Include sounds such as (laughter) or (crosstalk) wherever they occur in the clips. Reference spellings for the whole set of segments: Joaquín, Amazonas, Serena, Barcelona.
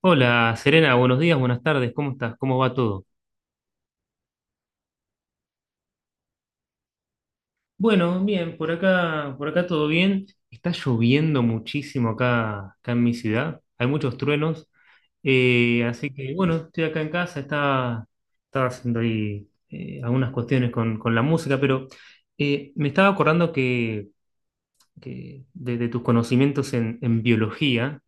Hola Serena, buenos días, buenas tardes, ¿cómo estás? ¿Cómo va todo? Bueno, bien, por acá todo bien. Está lloviendo muchísimo acá, acá en mi ciudad, hay muchos truenos, así que bueno, estoy acá en casa, estaba haciendo ahí algunas cuestiones con la música, pero me estaba acordando que de tus conocimientos en biología,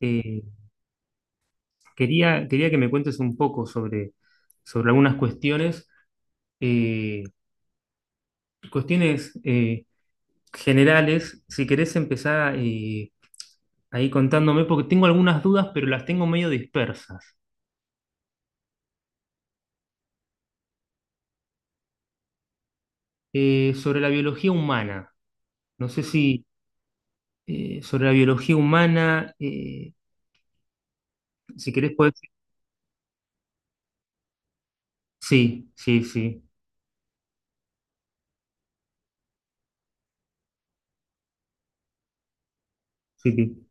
eh, quería que me cuentes un poco sobre algunas cuestiones. eh, cuestiones eh, Generales, si querés empezar, ahí contándome, porque tengo algunas dudas, pero las tengo medio dispersas. Sobre la biología humana. No sé si sobre la biología humana. Si querés podés... Sí, sí, sí, sí, sí.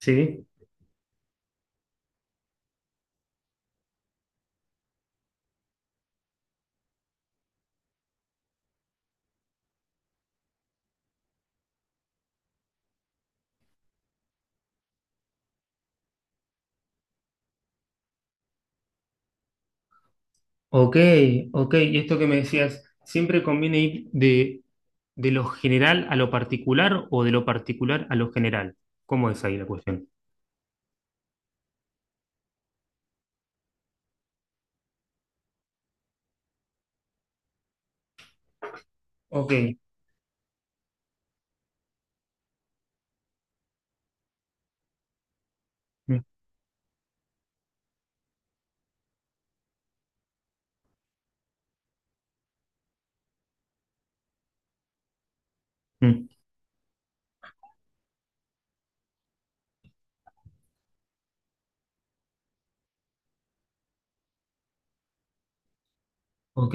Sí. Ok, ok. Y esto que me decías, ¿siempre conviene ir de lo general a lo particular o de lo particular a lo general? ¿Cómo es ahí la cuestión? Ok. Mm, mm, ok.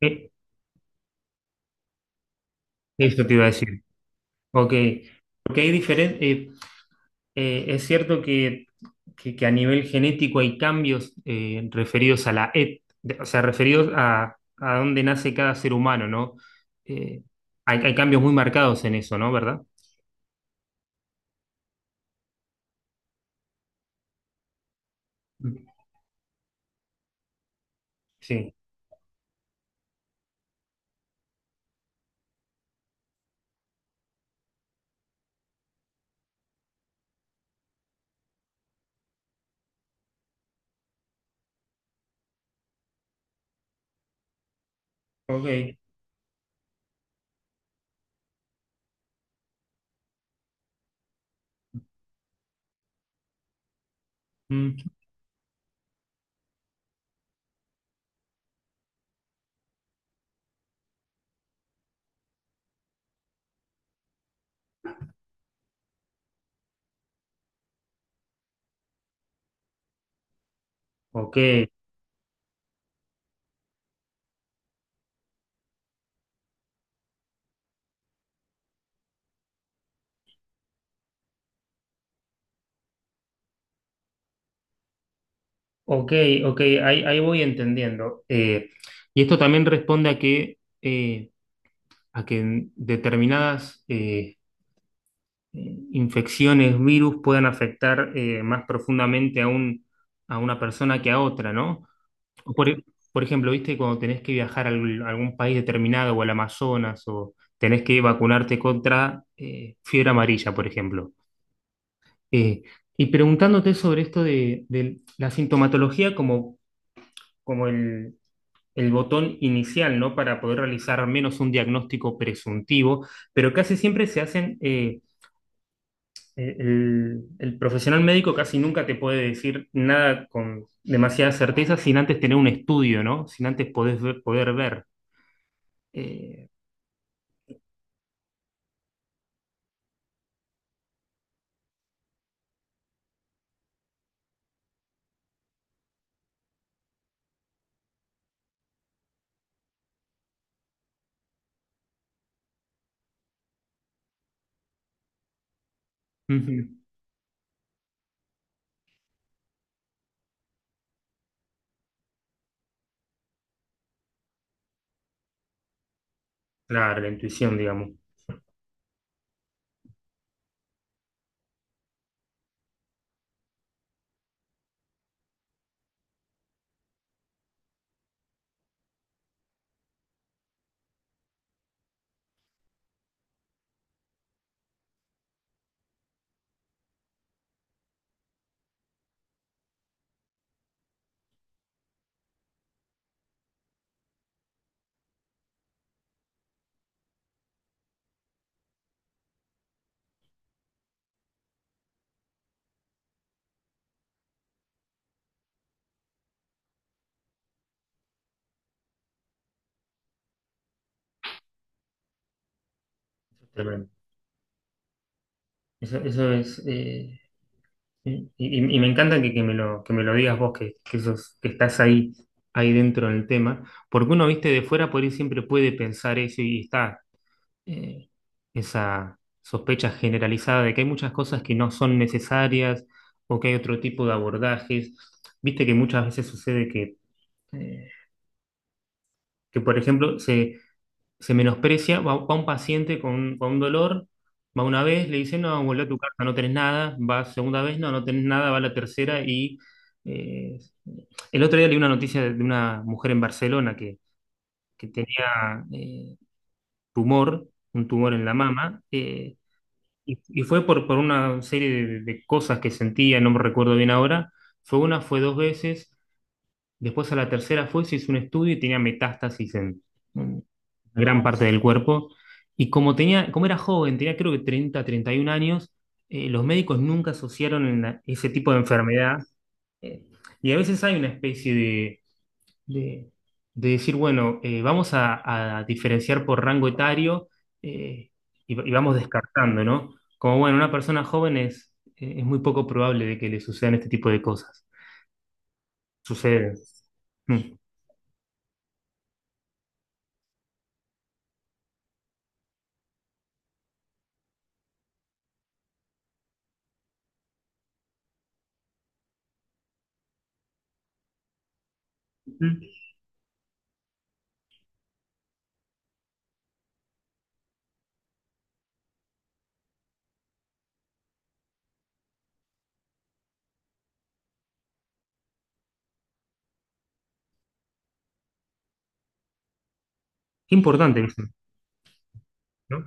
Eh, Eso te iba a decir. Ok, porque hay diferentes, es cierto que a nivel genético hay cambios referidos a la et, de- o sea, referidos a dónde nace cada ser humano, ¿no? Eh, hay cambios muy marcados en eso, ¿no? ¿Verdad? Mm, sí, ok, mm, ok, ok, ok, ahí, ahí voy entendiendo. Y esto también responde a a que en determinadas... infecciones, virus puedan afectar más profundamente a una persona que a otra, ¿no? O Por, e- por ejemplo, viste, cuando tenés que viajar a algún país determinado o al Amazonas o tenés que vacunarte contra fiebre amarilla, por ejemplo. Eh, y preguntándote sobre esto de la sintomatología como el botón inicial, ¿no? Para poder realizar al menos un diagnóstico presuntivo, pero casi siempre se hacen... el profesional médico casi nunca te puede decir nada con demasiada certeza sin antes tener un estudio, ¿no? Sin antes poder ver. Eh, ujú. Claro, la intuición, digamos. Tremendo. Eso es. Y me encanta que me que me lo digas vos, que estás ahí, ahí dentro del tema, porque uno, viste, de fuera por ahí siempre puede pensar eso y está, eh, esa sospecha generalizada de que hay muchas cosas que no son necesarias o que hay otro tipo de abordajes. Viste que muchas veces sucede eh, que por ejemplo, se menosprecia, va un paciente con un dolor, va una vez, le dice, no, vuelve a tu casa, no tenés nada, va segunda vez, no, no tenés nada, va la tercera y... eh, el otro día leí una noticia de una mujer en Barcelona que tenía tumor, un tumor en la mama. Eh, y fue por una serie de cosas que sentía, no me recuerdo bien ahora. Fue dos veces. Después a la tercera fue, se hizo un estudio y tenía metástasis en gran parte del cuerpo. Y como tenía, como era joven, tenía creo que 31 años, los médicos nunca asociaron ese tipo de enfermedad. Eh, y a veces hay una especie de, de decir, bueno, vamos a diferenciar por rango etario, eh, y vamos descartando, ¿no? Como, bueno, una persona joven es muy poco probable de que le sucedan este tipo de cosas. Sucede. Mm. Mm. Qué importante eso, ¿no?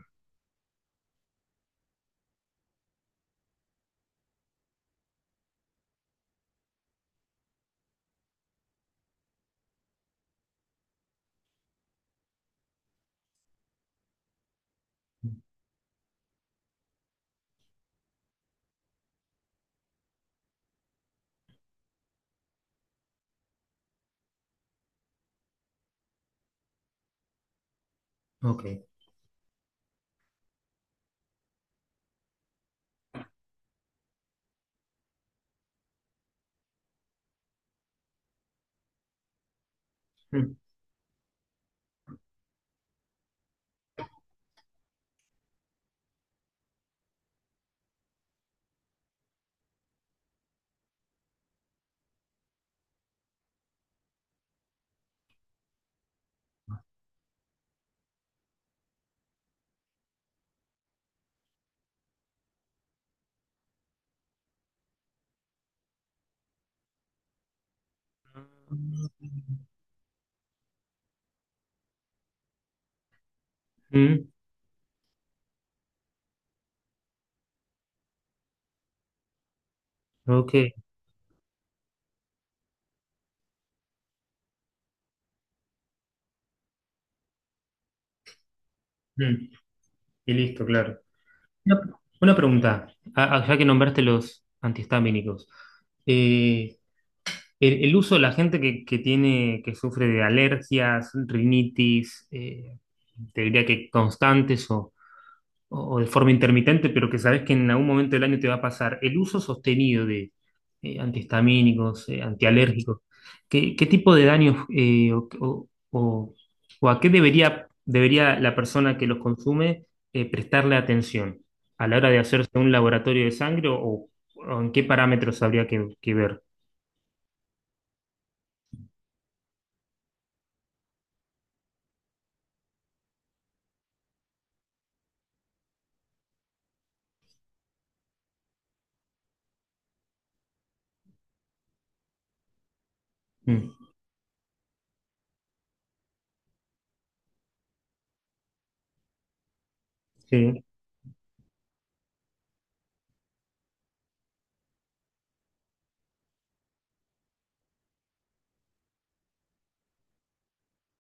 Ok. Mm. Mm, ok. Mm, y listo, claro. Una, una pregunta, ya que nombraste los antihistamínicos. eh, el uso de la gente que tiene, que sufre de alergias, rinitis, te diría que o de forma intermitente, pero que sabes que en algún momento del año te va a pasar, el uso sostenido de antihistamínicos, antialérgicos, qué tipo de daños o a qué debería la persona que los consume prestarle atención a la hora de hacerse un laboratorio de o en qué parámetros habría que ver? Mm, sí,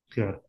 claro.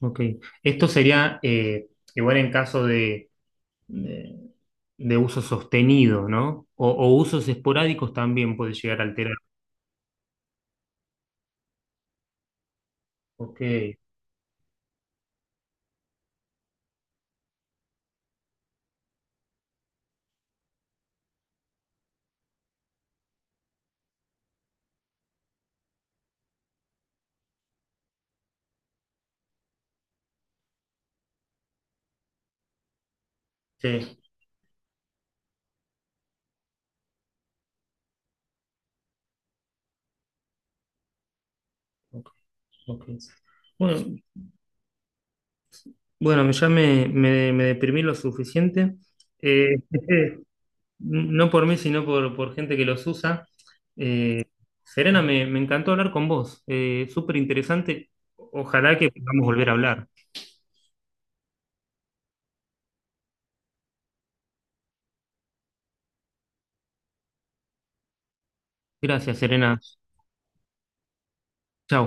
Ok. Esto sería igual en caso de, de uso sostenido, ¿no? O usos esporádicos también puede llegar a alterar. Ok, sí. Ok, ok. Bueno, bueno, ya me deprimí lo suficiente. Eh, (laughs) no por mí, por gente que los usa. Eh, Serena, me encantó hablar con vos. Súper interesante. Ojalá que podamos volver a hablar. Gracias, Serena. Chao.